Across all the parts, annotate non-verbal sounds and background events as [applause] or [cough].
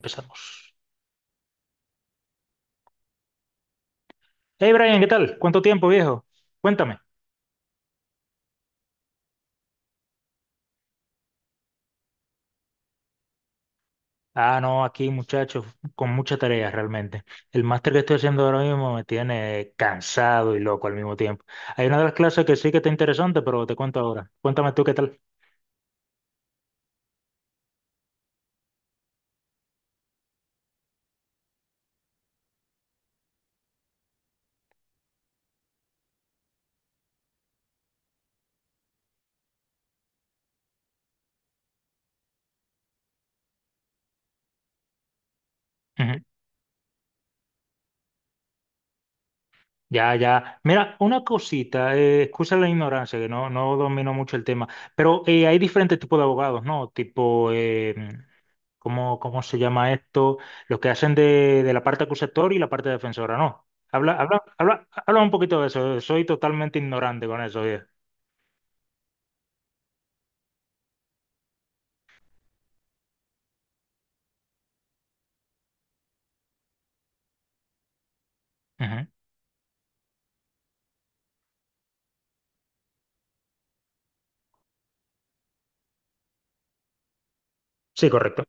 Empezamos. Hey Brian, ¿qué tal? ¿Cuánto tiempo, viejo? Cuéntame. Ah, no, aquí muchachos, con mucha tarea realmente. El máster que estoy haciendo ahora mismo me tiene cansado y loco al mismo tiempo. Hay una de las clases que sí que está interesante, pero te cuento ahora. Cuéntame tú qué tal. Ya, ya. Mira, una cosita, excusa la ignorancia, que no, no domino mucho el tema, pero hay diferentes tipos de abogados, ¿no? Tipo, ¿cómo, cómo se llama esto? Los que hacen de la parte acusatoria y la parte defensora, ¿no? Habla un poquito de eso, soy totalmente ignorante con eso. Ujú. Sí, correcto.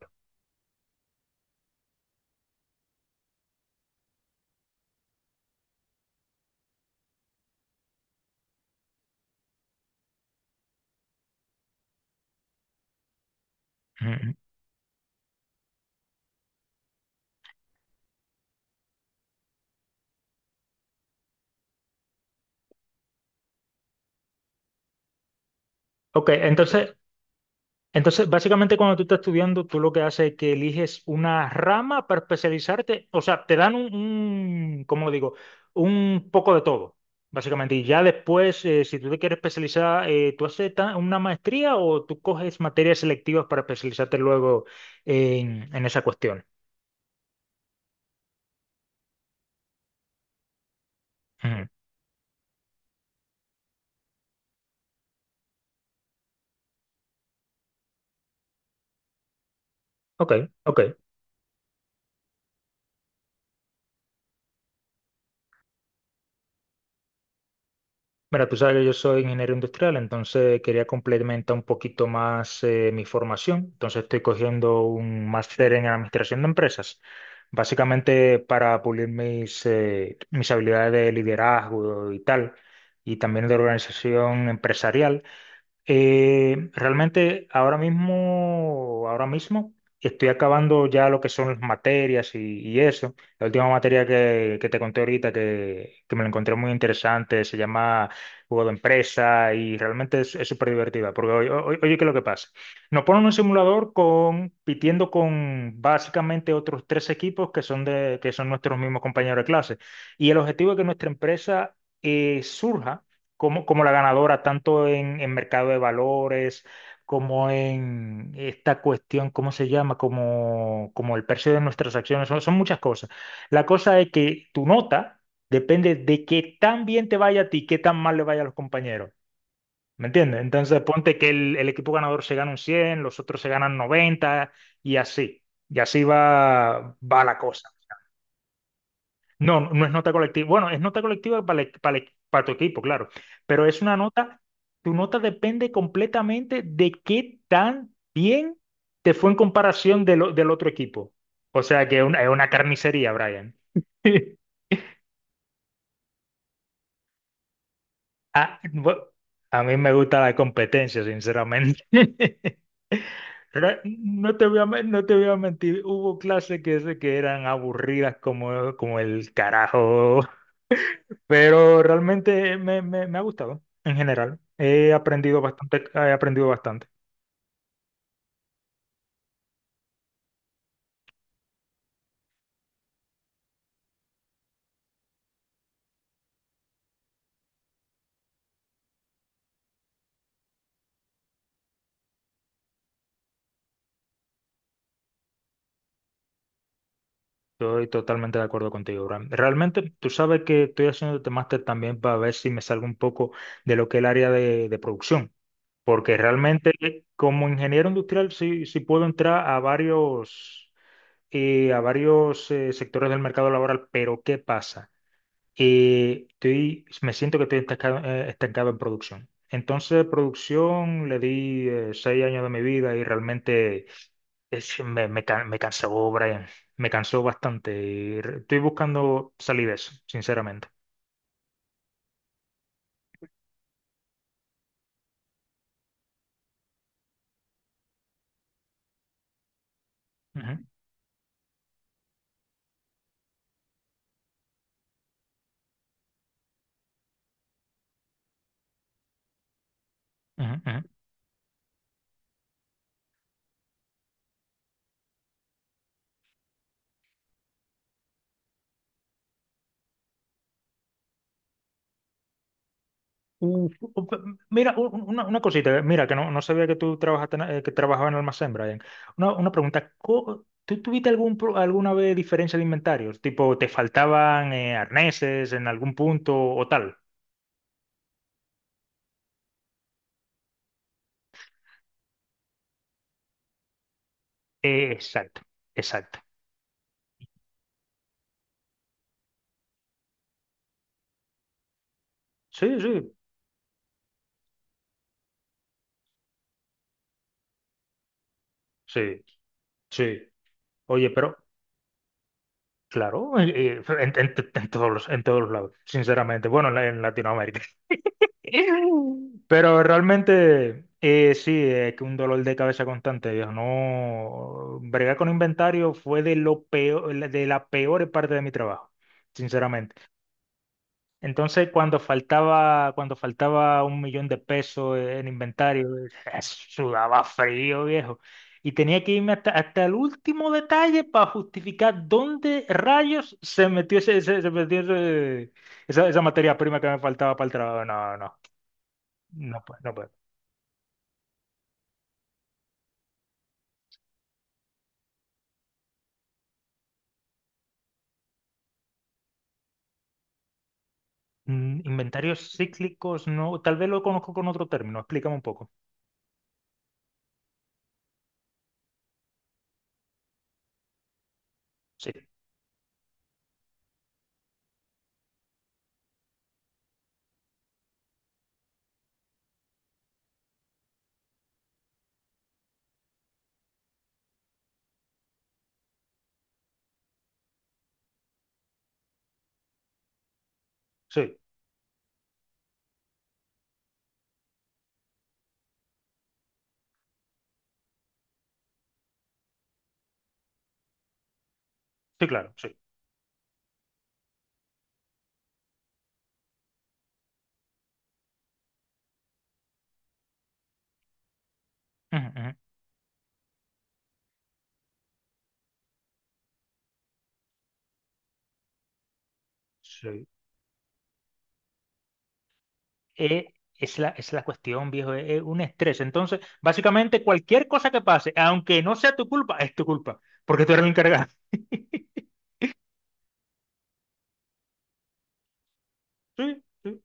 Ujú. Ok, entonces, entonces, básicamente cuando tú estás estudiando, tú lo que haces es que eliges una rama para especializarte, o sea, te dan un, ¿cómo lo digo? Un poco de todo, básicamente. Y ya después, si tú te quieres especializar, ¿tú haces una maestría o tú coges materias selectivas para especializarte luego en esa cuestión? Ujú. Ok, ok. Mira, tú sabes que yo soy ingeniero industrial, entonces quería complementar un poquito más mi formación. Entonces estoy cogiendo un máster en administración de empresas, básicamente para pulir mis, mis habilidades de liderazgo y tal, y también de organización empresarial. Realmente ahora mismo estoy acabando ya lo que son las materias y eso. La última materia que te conté ahorita que me la encontré muy interesante se llama Juego de Empresa y realmente es súper divertida porque oye, ¿qué es lo que pasa? Nos ponen un simulador compitiendo con básicamente otros tres equipos que son, que son nuestros mismos compañeros de clase y el objetivo es que nuestra empresa surja como la ganadora, tanto en mercado de valores, como en esta cuestión, ¿cómo se llama? Como el precio de nuestras acciones, son muchas cosas. La cosa es que tu nota depende de qué tan bien te vaya a ti, qué tan mal le vaya a los compañeros. ¿Me entiendes? Entonces ponte que el equipo ganador se gana un 100, los otros se ganan 90 y así. Y así va la cosa. No, no, no es nota colectiva. Bueno, es nota colectiva para tu equipo, claro. Pero es una nota, tu nota depende completamente de qué tan bien te fue en comparación del otro equipo. O sea que es una carnicería, Brian. [laughs] Ah, a mí me gusta la competencia, sinceramente. [laughs] Pero no te voy no te voy a mentir, hubo clases que eran aburridas como, como el carajo. Pero realmente me ha gustado en general. He aprendido bastante, he aprendido bastante. Estoy totalmente de acuerdo contigo, Bram. Realmente, tú sabes que estoy haciendo este máster también para ver si me salgo un poco de lo que es el área de producción. Porque realmente, como ingeniero industrial, sí, sí puedo entrar a varios sectores del mercado laboral. Pero, ¿qué pasa? Y estoy, me siento que estoy estancado, estancado en producción. Entonces, producción le di 6 años de mi vida y realmente me cansó, Brian. Me cansó bastante. Y estoy buscando salir de eso, sinceramente. Ujú, ujú, ujú. Uf, uf, mira, una cosita, mira, que no, no sabía que tú trabajaste, en- que trabajabas en almacén, Brian. Una pregunta, ¿tú tuviste algún, alguna vez diferencia de inventarios? Tipo, ¿te faltaban arneses en algún punto o tal? Exacto, exacto. Sí, sí, sí, sí. Oye, pero, claro, en todos los lados, sinceramente. Bueno, en Latinoamérica. [laughs] Pero realmente, sí, es que un dolor de cabeza constante, viejo. No, bregar con inventario fue de lo peor, de la peor parte de mi trabajo, sinceramente. Entonces, cuando faltaba 1 millón de pesos en inventario, [laughs] sudaba frío, viejo. Y tenía que irme hasta, hasta el último detalle para justificar dónde rayos se metió esa materia prima que me faltaba para el trabajo. No, no, no puede. Mm, inventarios cíclicos, no, tal vez lo conozco con otro término, explícame un poco. Sí, sí, sí, claro, sí. Ujú, ujú, sí. Eh, es la cuestión, viejo, es un estrés. Entonces, básicamente cualquier cosa que pase, aunque no sea tu culpa, es tu culpa, porque tú eres el encargado. [laughs] Sí, sí,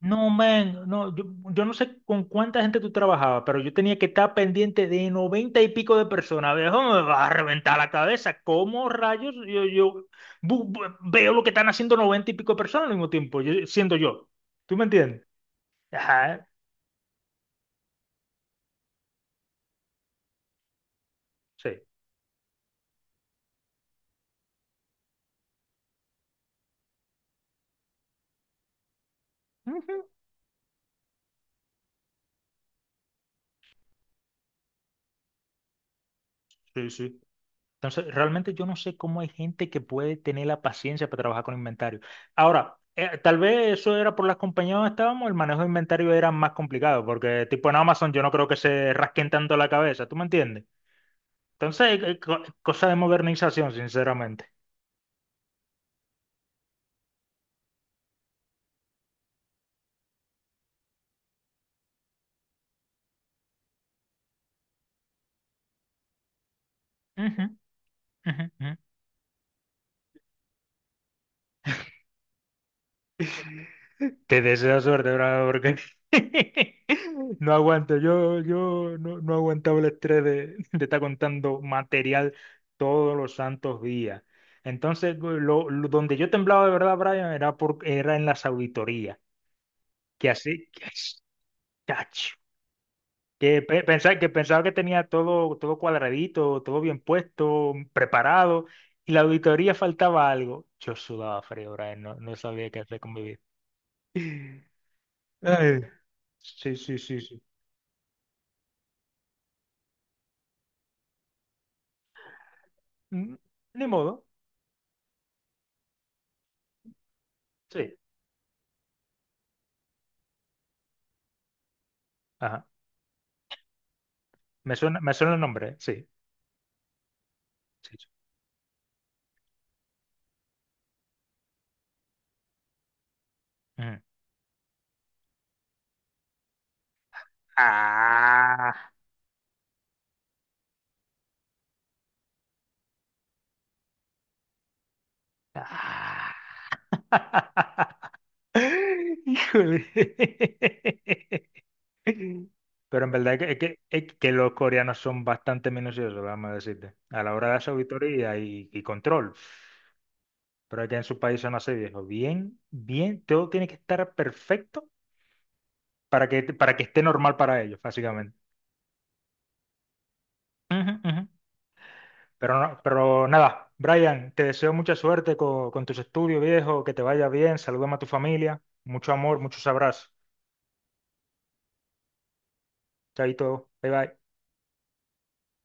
no, man, no, yo no sé con cuánta gente tú trabajabas, pero yo tenía que estar pendiente de 90 y pico de personas. Viejo, me va a reventar la cabeza. ¿Cómo rayos yo veo lo que están haciendo 90 y pico de personas al mismo tiempo, siendo yo? ¿Tú me entiendes? Ajá, sí. Ujú, sí, sí. Entonces, realmente yo no sé cómo hay gente que puede tener la paciencia para trabajar con inventario. Ahora, tal vez eso era por las compañías donde estábamos, el manejo de inventario era más complicado, porque tipo en Amazon yo no creo que se rasquen tanto la cabeza, ¿tú me entiendes? Entonces, cosa de modernización, sinceramente. Ujú, ujú, ujú. Te deseo suerte, bravo, porque [laughs] no aguanto. Yo no, no aguantaba el estrés de estar contando material todos los santos días. Entonces, donde yo temblaba de verdad, Brian, era en las auditorías. Que así, chacho, pensaba que tenía todo, todo cuadradito, todo bien puesto, preparado, y la auditoría faltaba algo. Yo sudaba frío, Brian, no, no sabía qué hacer con mi vida. [laughs] Ay, sí, sí, sí, sí. Mm, ni modo. Sí. Ajá. Me suena el nombre, ¿eh? Sí. Sí, sí. Ujú. Ah. Ah. [laughs] Híjole. Pero en verdad es que los coreanos son bastante minuciosos, vamos a decirte, a la hora de su auditoría y control. Pero es que en su país son así, viejo. Bien, bien, todo tiene que estar perfecto para que esté normal para ellos, básicamente. Ujú, ujú. Pero, pero nada, Brian, te deseo mucha suerte con tus estudios, viejo, que te vaya bien, salúdame a tu familia, mucho amor, muchos abrazos. Chaito, bye bye.